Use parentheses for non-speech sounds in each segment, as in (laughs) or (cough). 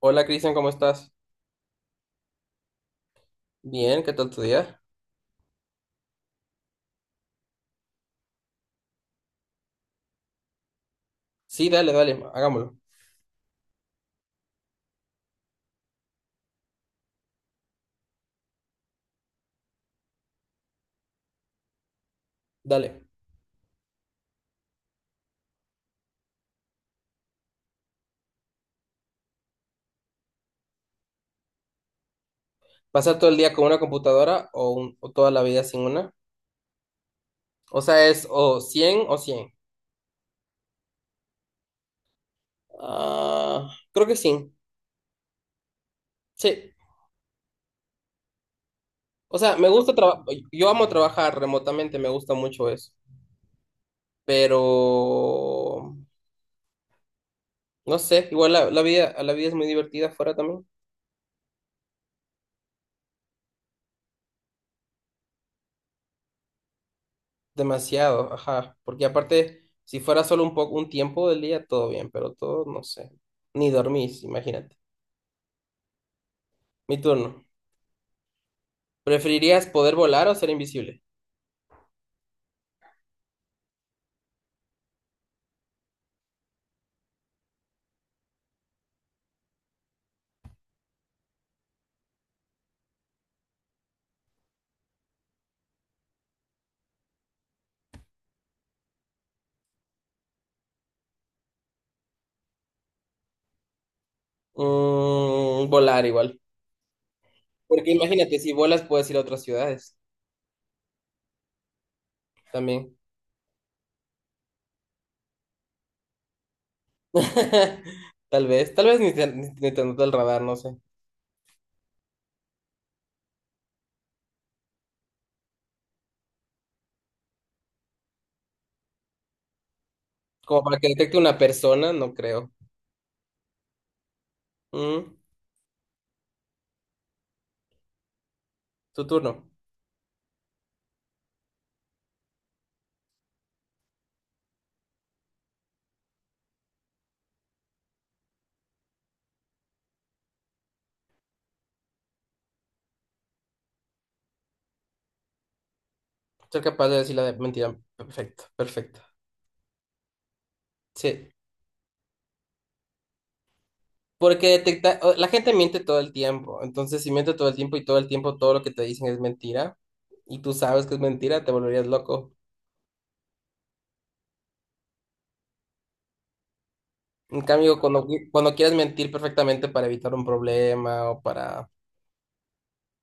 Hola Cristian, ¿cómo estás? Bien, ¿qué tal tu día? Sí, dale, dale, hagámoslo. Dale. ¿Pasar todo el día con una computadora o, o toda la vida sin una? O sea, es o 100 o 100. Ah, creo que sí. Sí. O sea, me gusta trabajar, yo amo trabajar remotamente, me gusta mucho eso. Pero, no sé, igual la vida, la vida es muy divertida fuera también. Demasiado, ajá. Porque aparte, si fuera solo un poco, un tiempo del día, todo bien, pero todo, no sé. Ni dormís, imagínate. Mi turno. ¿Preferirías poder volar o ser invisible? Mm, volar igual. Porque imagínate, si volas puedes ir a otras ciudades también. (laughs) Tal vez ni te nota el radar, no sé. Como para que detecte una persona, no creo. Mm, tu turno. Ser capaz de decir la mentira. Perfecto, perfecto. Sí. Porque la gente miente todo el tiempo. Entonces, si miente todo el tiempo y todo el tiempo todo lo que te dicen es mentira y tú sabes que es mentira, te volverías loco. En cambio, cuando quieras mentir perfectamente para evitar un problema o para...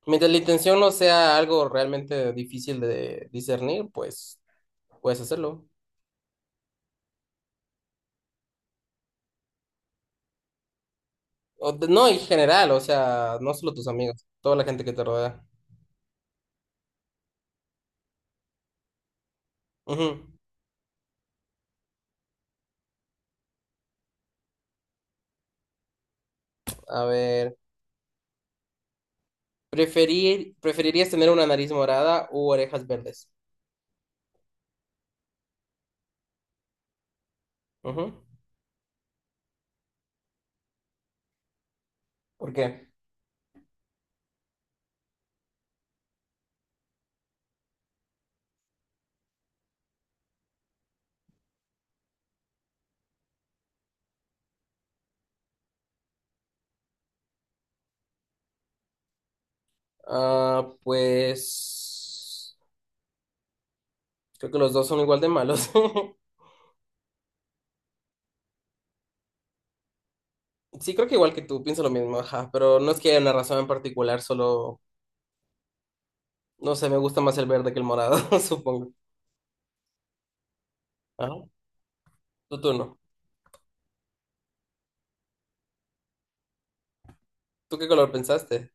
Mientras la intención no sea algo realmente difícil de discernir, pues puedes hacerlo. No, en general, o sea, no solo tus amigos, toda la gente que te rodea. Ujú. A ver, ¿preferirías tener una nariz morada u orejas verdes? Ujú. ¿Por qué? Ah, pues creo que los dos son igual de malos. (laughs) Sí, creo que igual que tú, pienso lo mismo, ajá, pero no es que haya una razón en particular, solo, no sé, me gusta más el verde que el morado, (laughs) supongo. Ajá, tu turno. ¿Tú qué color pensaste?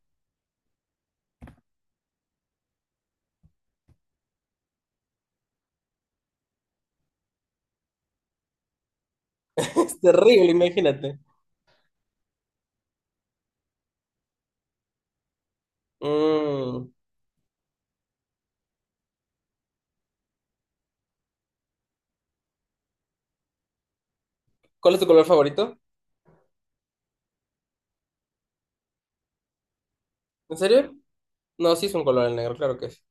(laughs) Es terrible, imagínate. Mm, ¿cuál es tu color favorito? ¿En serio? No, sí es un color el negro, claro que es.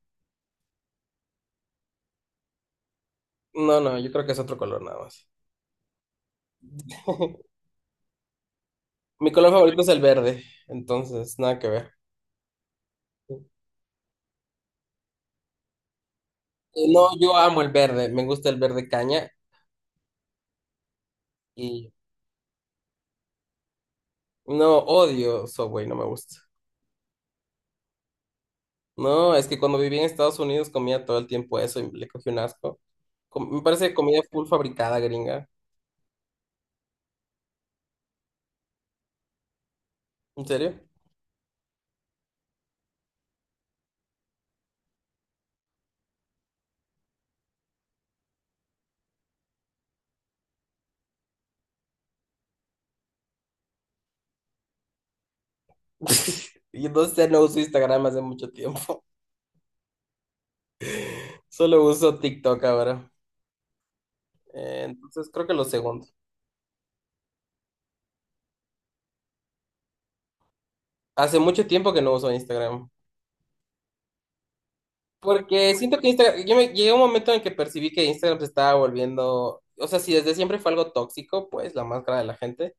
No, no, yo creo que es otro color nada más. (laughs) Mi color favorito es el verde, entonces, nada que ver. No, yo amo el verde, me gusta el verde caña y no odio Subway, no me gusta. No, es que cuando viví en Estados Unidos comía todo el tiempo eso y le cogí un asco. Me parece comida full fabricada, gringa. ¿En serio? (laughs) Y no sé, no uso Instagram hace mucho tiempo. (laughs) Solo uso TikTok ahora. Entonces creo que lo segundo. Hace mucho tiempo que no uso Instagram. Porque siento que Instagram, llegué a un momento en el que percibí que Instagram se estaba volviendo, o sea, si desde siempre fue algo tóxico, pues la máscara de la gente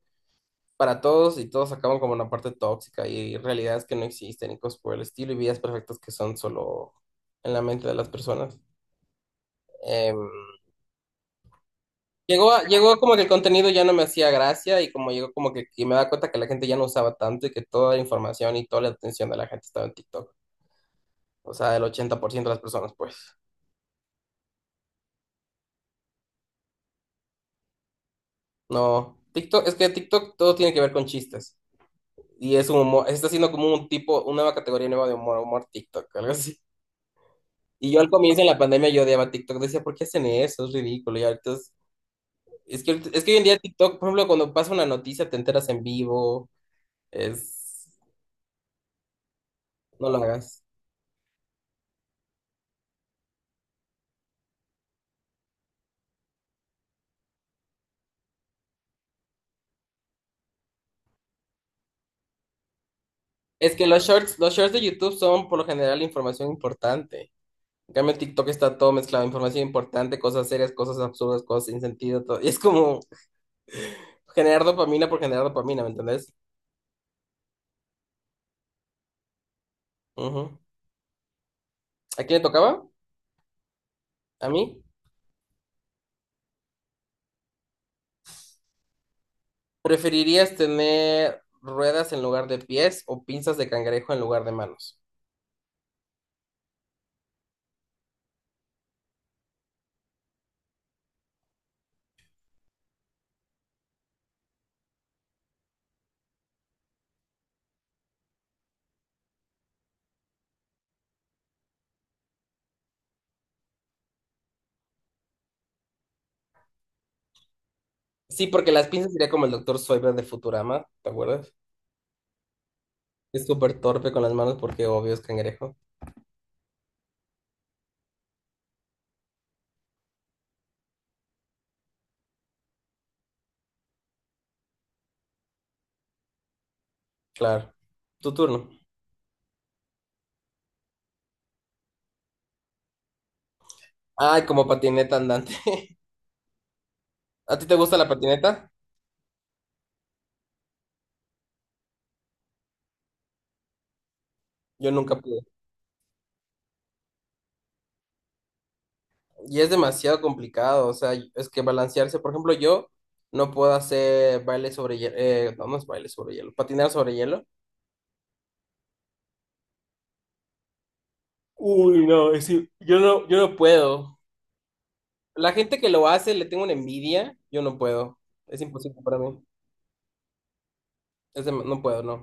para todos y todos acaban como una parte tóxica y realidades que no existen y cosas por el estilo y vidas perfectas que son solo en la mente de las personas. Em, Llegó como que el contenido ya no me hacía gracia y como llegó como que y me da cuenta que la gente ya no usaba tanto y que toda la información y toda la atención de la gente estaba en TikTok. O sea, el 80% de las personas, pues. No, TikTok, es que TikTok todo tiene que ver con chistes. Y es un humor, está siendo como un tipo, una nueva categoría nueva de humor, humor TikTok, algo así. Y yo al comienzo en la pandemia yo odiaba TikTok, decía, ¿por qué hacen eso? Es ridículo. Y ahorita es, es que hoy en día TikTok, por ejemplo, cuando pasa una noticia te enteras en vivo, es, no lo hagas. Es que los shorts de YouTube son por lo general información importante. En cambio, en TikTok está todo mezclado, información importante, cosas serias, cosas absurdas, cosas sin sentido, todo. Y es como generar dopamina por generar dopamina, ¿me entendés? Ujú. ¿A quién le tocaba? ¿A mí? ¿Preferirías tener ruedas en lugar de pies o pinzas de cangrejo en lugar de manos? Sí, porque las pinzas sería como el doctor Zoidberg de Futurama, ¿te acuerdas? Es súper torpe con las manos porque obvio es cangrejo. Claro. Tu turno. Ay, como patineta andante. (laughs) ¿A ti te gusta la patineta? Yo nunca pude. Y es demasiado complicado, o sea, es que balancearse, por ejemplo, yo no puedo hacer baile sobre hielo, no es baile sobre hielo, patinar sobre hielo. Uy, no, es decir, yo no puedo. La gente que lo hace le tengo una envidia, yo no puedo. Es imposible para mí. No puedo, no.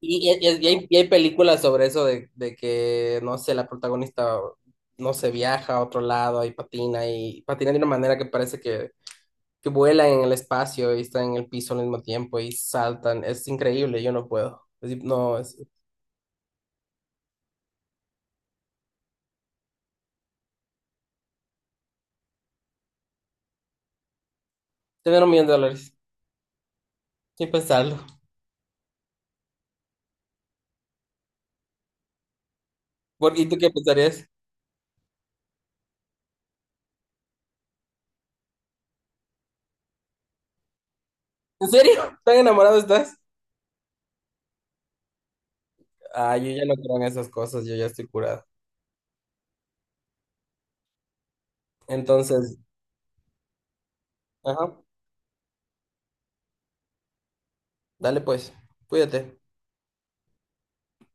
Y hay películas sobre eso de que, no sé, la protagonista, no sé, viaja a otro lado y patina de una manera que parece que vuela en el espacio y está en el piso al mismo tiempo y saltan. Es increíble, yo no puedo. Es decir, no, es tener $1.000.000, sin pensarlo. ¿Y tú qué pensarías? ¿En serio? ¿Tan enamorado estás? Ah, yo ya no creo en esas cosas, yo ya estoy curado. Entonces, ajá, dale pues, cuídate.